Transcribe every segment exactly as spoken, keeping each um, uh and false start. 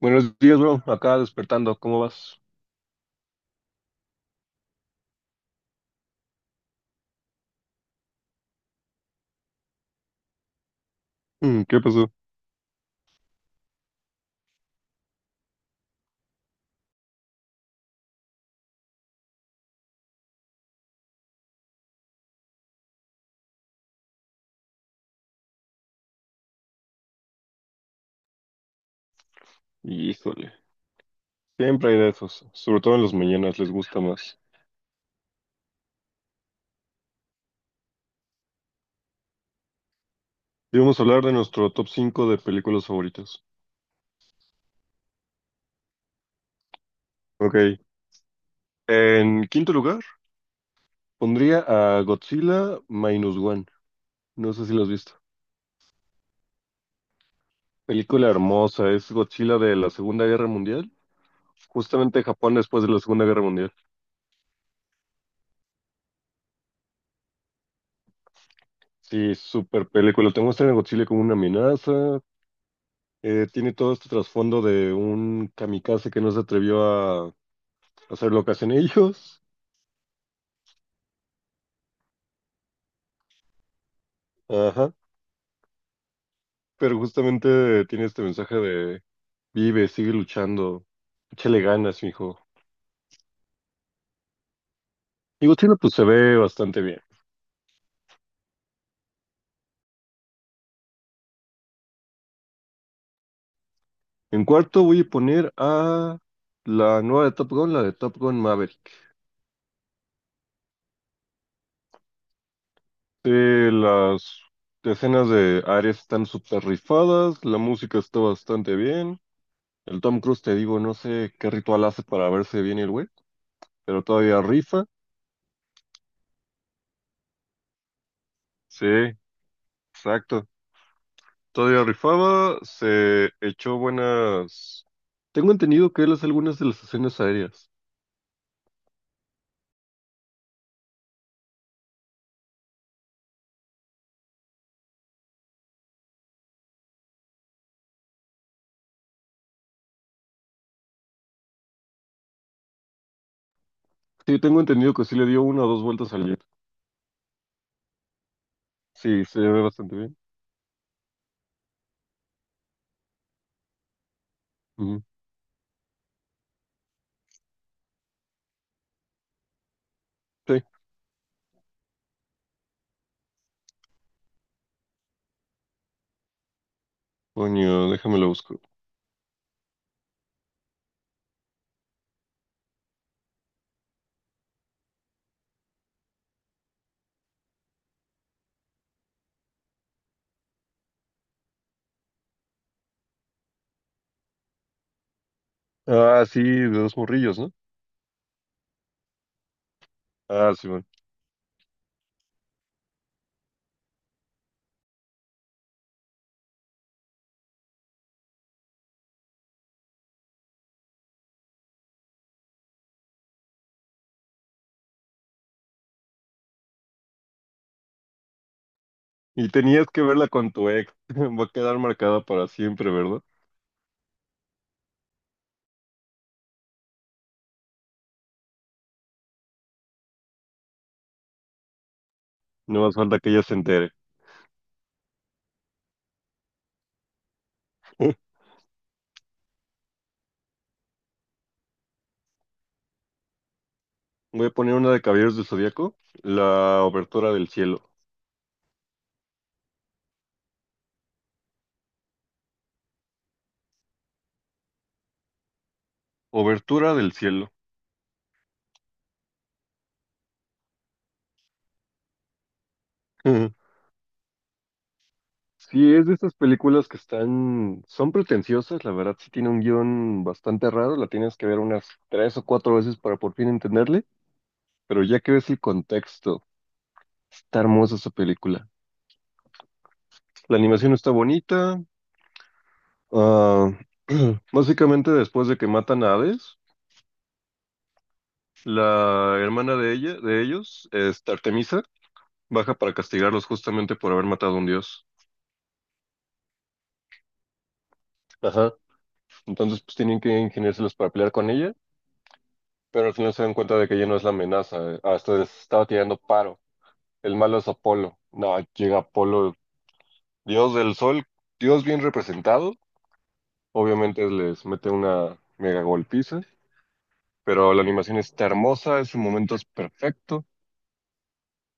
Buenos días, bro. Acá despertando. ¿Cómo vas? Mm, ¿Qué pasó? Híjole. Siempre hay de esos. Sobre todo en las mañanas les gusta más. Y vamos a hablar de nuestro top cinco de películas favoritas. Ok. En quinto lugar, pondría a Godzilla Minus One. No sé si lo has visto. Película hermosa. Es Godzilla de la Segunda Guerra Mundial. Justamente Japón después de la Segunda Guerra Mundial. Sí, súper película. Te muestran a Godzilla como una amenaza. Eh, tiene todo este trasfondo de un kamikaze que no se atrevió a... O sea, lo que hacen ellos. Ajá. Pero justamente tiene este mensaje de vive, sigue luchando, échale ganas, mijo. Y Godzilla pues se ve bastante bien. En cuarto voy a poner a la nueva de Top Gun, la de Top Gun Maverick. Eh, las escenas de Ares están súper rifadas, la música está bastante bien. El Tom Cruise, te digo, no sé qué ritual hace para verse bien el güey, pero todavía rifa. Sí, exacto. Todavía rifaba, se echó buenas... Tengo entendido que él hace algunas de las escenas aéreas. Sí, tengo entendido que sí le dio una o dos vueltas al jet. Sí, se ve bastante bien. Ujú. Sí. Coño, déjame lo busco. Ah, sí, de dos morrillos, ¿no? Ah, sí, bueno. Y tenías que verla con tu ex. Va a quedar marcada para siempre, ¿verdad? No más falta que ella se entere. Voy a poner una de Caballeros del Zodíaco, la Obertura del Cielo. Obertura del Cielo. Sí, es de estas películas que están, son pretenciosas, la verdad sí tiene un guión bastante raro, la tienes que ver unas tres o cuatro veces para por fin entenderle, pero ya que ves el contexto, está hermosa esa película. La animación está bonita, ah, básicamente después de que matan a Hades, la hermana de ella, de ellos, este, Artemisa, baja para castigarlos justamente por haber matado a un dios. Ajá, entonces pues tienen que ingeniárselos para pelear con ella. Pero al final se dan cuenta de que ya no es la amenaza. eh, Hasta les estaba tirando paro. El malo es Apolo. No, llega Apolo, dios del sol, dios bien representado. Obviamente les mete una mega golpiza, pero la animación está hermosa, ese momento es perfecto.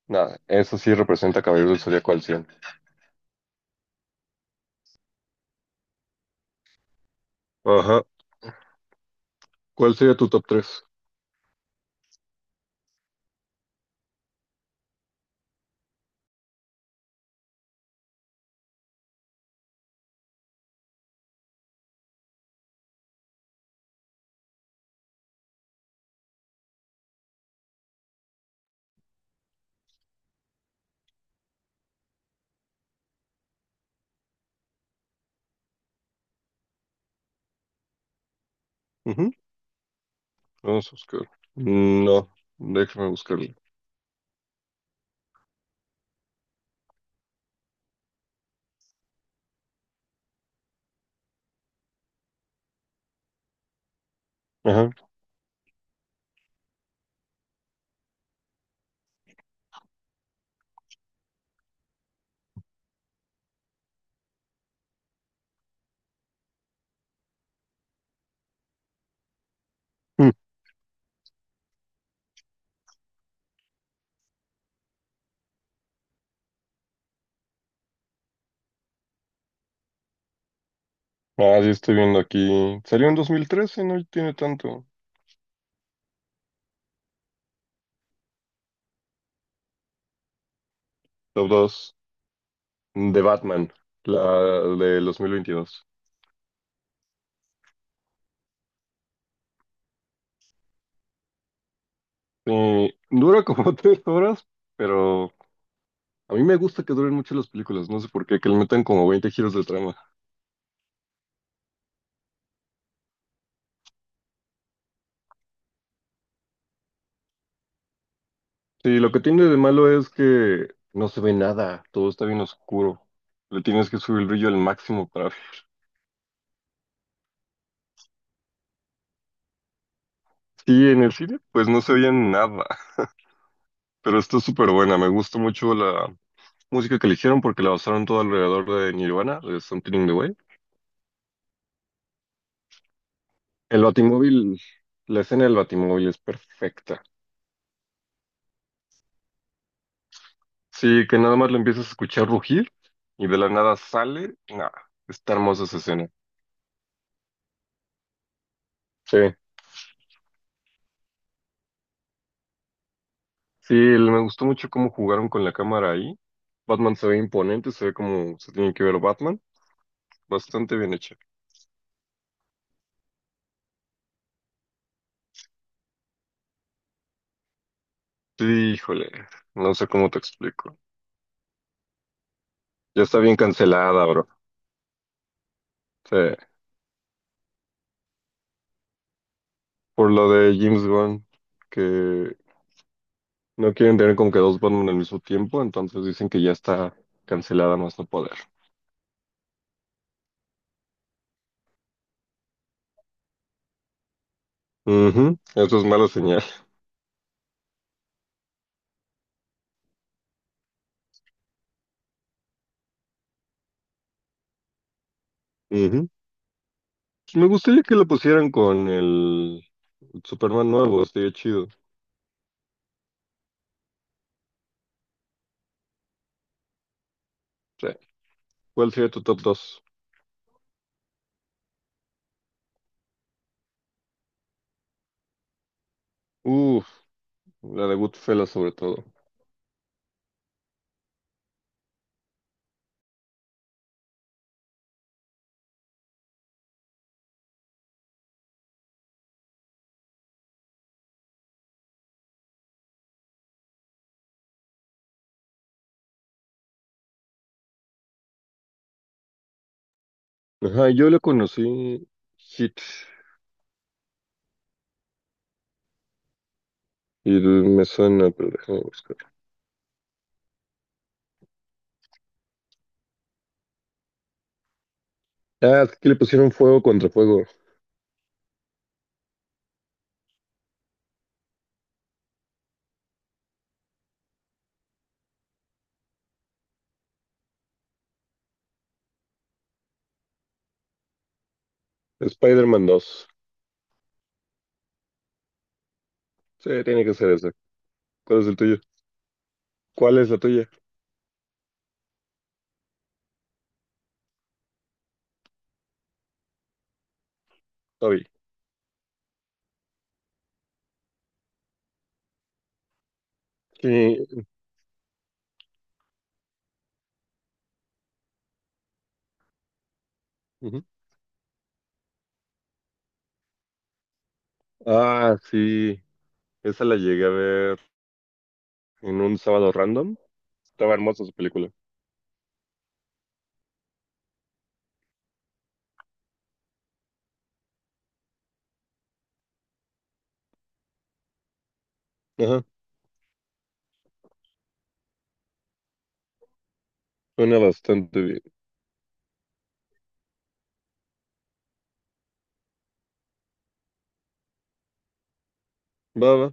Nada, eso sí representa Caballero del Zodíaco al cien. Ajá. ¿Cuál sería tu top tres? Vamos a buscar. No, déjame buscarlo. Ajá. Mm. Ah, sí, estoy viendo aquí. Salió en dos mil trece, no tiene tanto. Top dos. De Batman, la del dos mil veintidós. Eh, dura como tres horas, pero a mí me gusta que duren mucho las películas, no sé por qué, que le metan como veinte giros de trama. Sí, lo que tiene de malo es que no se ve nada, todo está bien oscuro. Le tienes que subir el brillo al máximo para ver. Sí, en el cine pues no se veía nada, pero está súper buena, me gustó mucho la música que eligieron porque la basaron todo alrededor de Nirvana, de Something in the Way. El Batimóvil, la escena del Batimóvil es perfecta. Sí, que nada más lo empiezas a escuchar rugir y de la nada sale. Nah, está hermosa esa escena. Sí, sí, el- me gustó mucho cómo jugaron con la cámara ahí. Batman se ve imponente, se ve como se tiene que ver Batman. Bastante bien hecha. Sí, híjole, no sé cómo te explico. Ya está bien cancelada, bro. Sí, por lo de James Gunn, que no quieren tener como que dos Batman al mismo tiempo, entonces dicen que ya está cancelada más no poder. Ujú. Eso es mala señal. Ujú. Me gustaría que lo pusieran con el Superman nuevo, estaría chido. Sí. ¿Cuál sería tu top dos? Uf, la de Goodfellas sobre todo. Ajá, yo la conocí. Hit y me suena, pero déjame buscar. Ah, es que le pusieron fuego contra fuego. Spider-Man dos. Sí, tiene que ser ese. ¿Cuál es el tuyo? ¿Cuál es la tuya? Toby. Sí. Ujú. Ah, sí. Esa la llegué a ver en un sábado random. Estaba hermosa su película. Ajá, suena bastante bien. Va, va.